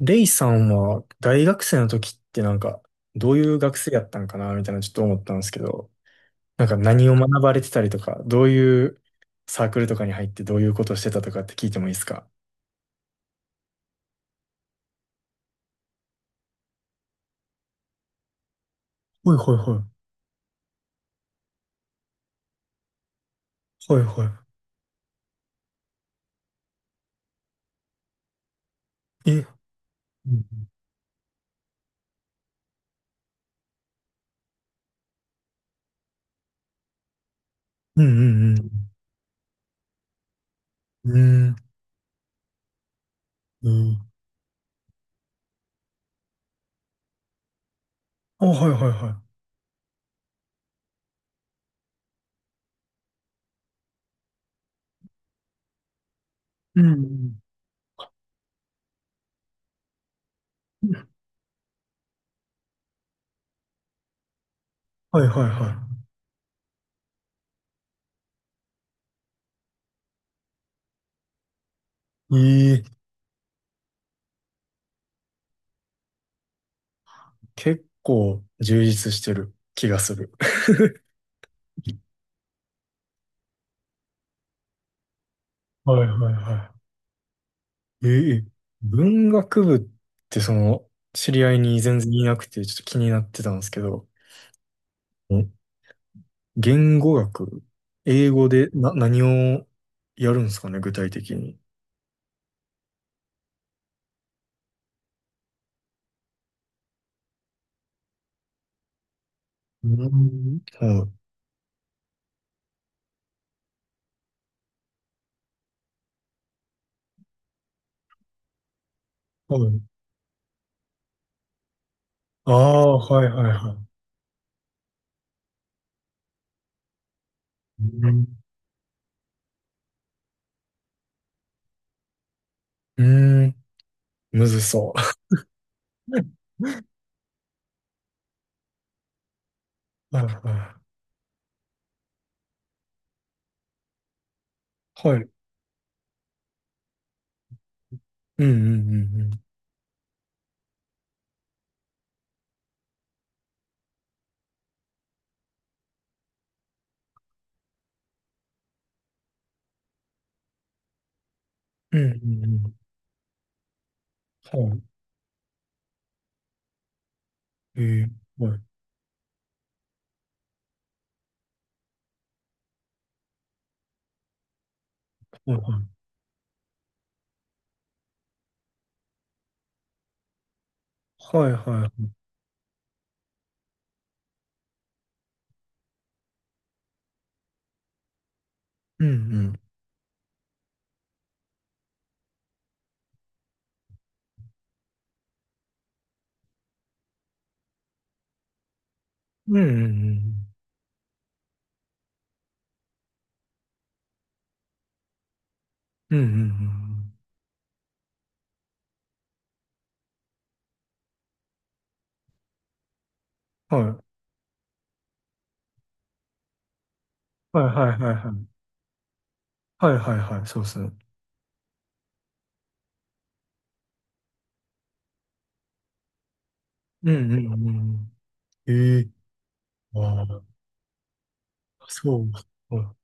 レイさんは大学生の時ってどういう学生やったんかなみたいなちょっと思ったんですけど、なんか何を学ばれてたりとか、どういうサークルとかに入ってどういうことをしてたとかって聞いてもいいですか？はいはいはい。はいはい。え、うんうんうん。うんうん。うん。あ、はいはいはい。うんうんうん。はいはいはい。ええ、結構充実してる気がする。はいはいはい。ええ、文学部って知り合いに全然いなくて、ちょっと気になってたんですけど、ん言語学、英語で何をやるんですかね、具体的に。うん。はい。はい。ああ、はいはいはい。うん。うーん、むずそう。はいはいはい。うんうんうんうん。うんうんうん。はい。ええ、はい。はいはい。はいはい。うんうん。うんうんうん。うんうんうん。はい。はいはいはいはい。はいはいはい、そうですね。うんうんうん。ええ。ああ、そう。うん。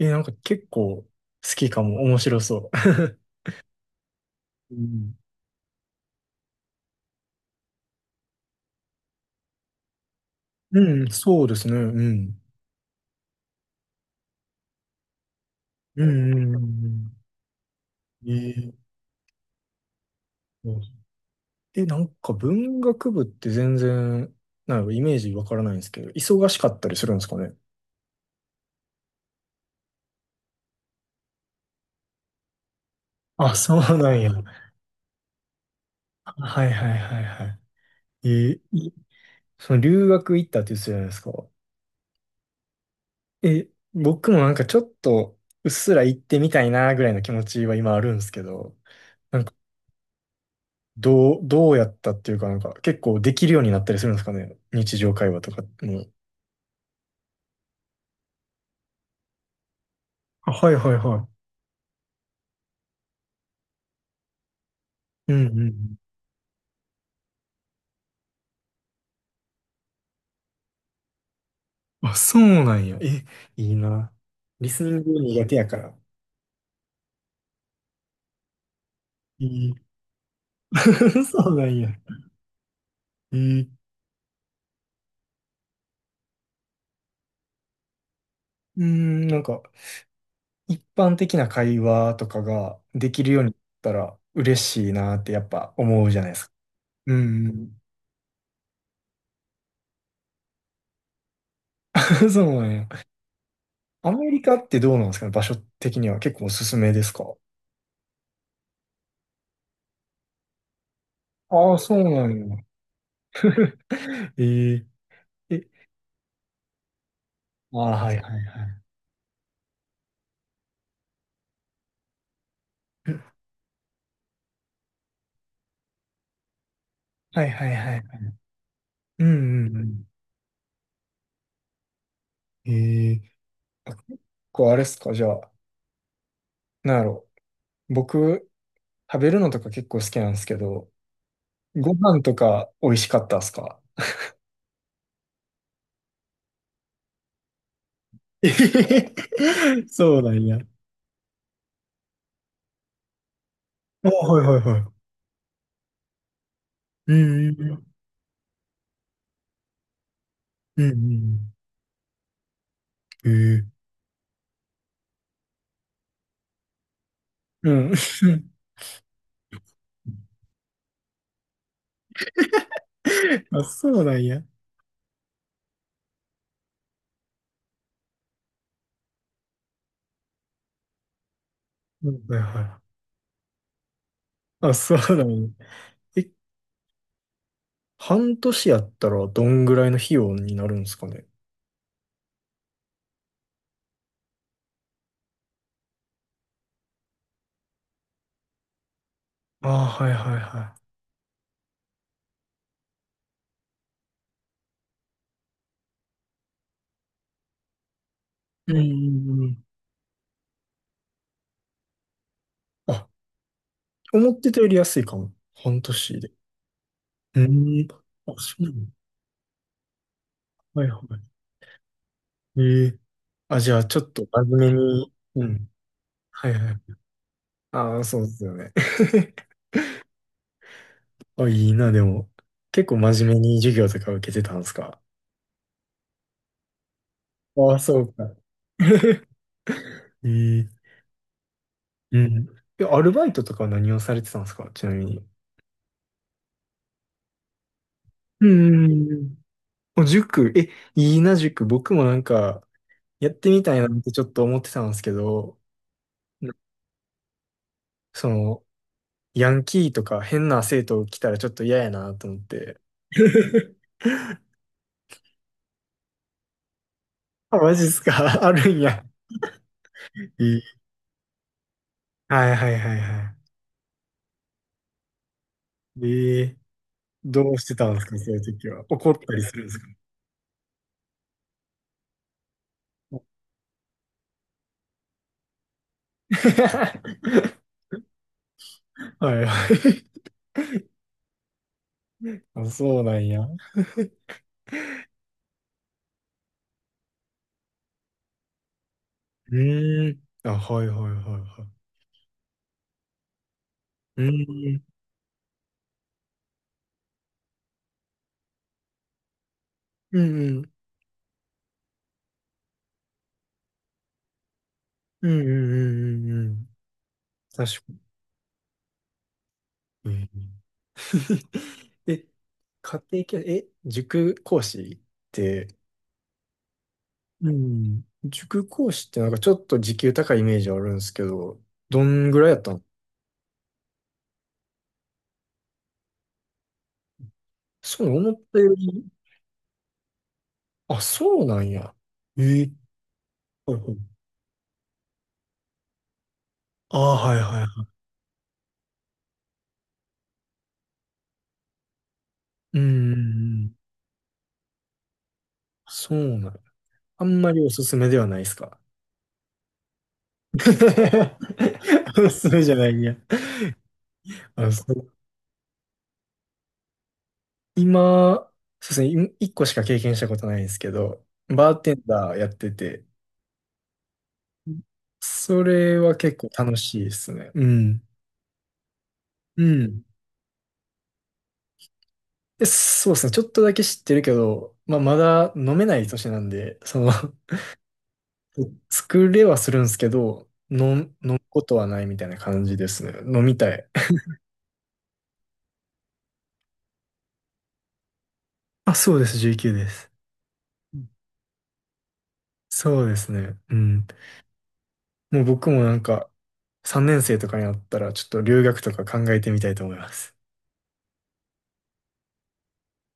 え、なんか結構好きかも。面白そう。うん、うんそうですね。うん。うんうんうんうん。ええ。え、なんか文学部って全然、なんかイメージわからないんですけど、忙しかったりするんですかね。あ、そうなんや。はいはいはいはい。ええい。その留学行ったって言ってたじゃないですか。え、僕もなんかちょっとうっすら行ってみたいなぐらいの気持ちは今あるんですけど、どうやったっていうかなんか結構できるようになったりするんですかね。日常会話とかも。あ、はいはいはい。うんうんうん。あ、そうなんや。え、いいな。リスニング苦手やから。いい。そうなんや。えー、うーん、なんか、一般的な会話とかができるようになったら嬉しいなってやっぱ思うじゃないですか。うんうん。そうなんや。アメリカってどうなんですかね、場所的には結構おすすめですか？ああ、そうなんや。えー、え、ああ、はいはいはい。はいはいはい。うんうんうん。ええ。あ、結構あれっすか、じゃあ、なんやろ。僕、食べるのとか結構好きなんですけど、ご飯とか美味しかったっすか？えへへへ そうなんや。あ、はいはいはい。うんうんうん。うんうんうん。ええ。うん。あ、そうなんや。うんはいはい。あ、そうだね。え、半年やったらどんぐらいの費用になるんですかね。ああ、はいはいはい。うんうんうん。あ、思ってたより安いかも。半年で。うん。あ、そうなの。はいはい。ええ。あ、じゃあ、ちょっと真面目に。うん。はいはい。ああ、そうですよね。あ、いいな、でも。結構真面目に授業とか受けてたんですか？ああ、そうか。ええ。うん。え、アルバイトとかは何をされてたんですか、ちなみに。うん。もう塾、え、いいな、塾。僕もなんか、やってみたいなってちょっと思ってたんですけど、な、その、ヤンキーとか変な生徒来たらちょっと嫌やなと思って。あ、マジっすか？ あるんや。えーはいはいはいはい。えー。どうしてたんですかそういう時は。怒ったりするんですか？ はいはい。あ、そうなんや。うーん。あ、はいはいはいはい。うーん。うんうんうんうんうんうんうん。確かに。うん。 え、家庭教、え、塾講師って、うん。塾講師ってなんかちょっと時給高いイメージあるんですけど、どんぐらいやったの？そう、思ったより、あ、そうなんや。ええ。はいはい。ああ、はいはいはい。うん、うんうん。そうなんや。あんまりおすすめではないですか？ おすすめじゃないんや。あ、そう。今、そうですね、一個しか経験したことないんですけど、バーテンダーやってて、それは結構楽しいですね。うん。うん。で、そうですね、ちょっとだけ知ってるけど、まあ、まだ飲めない年なんで、その 作れはするんですけど、飲むことはないみたいな感じですね。飲みたい。あ、そうです、19です。うんそうですね。うん。もう僕もなんか、3年生とかになったら、ちょっと留学とか考えてみたいと思います。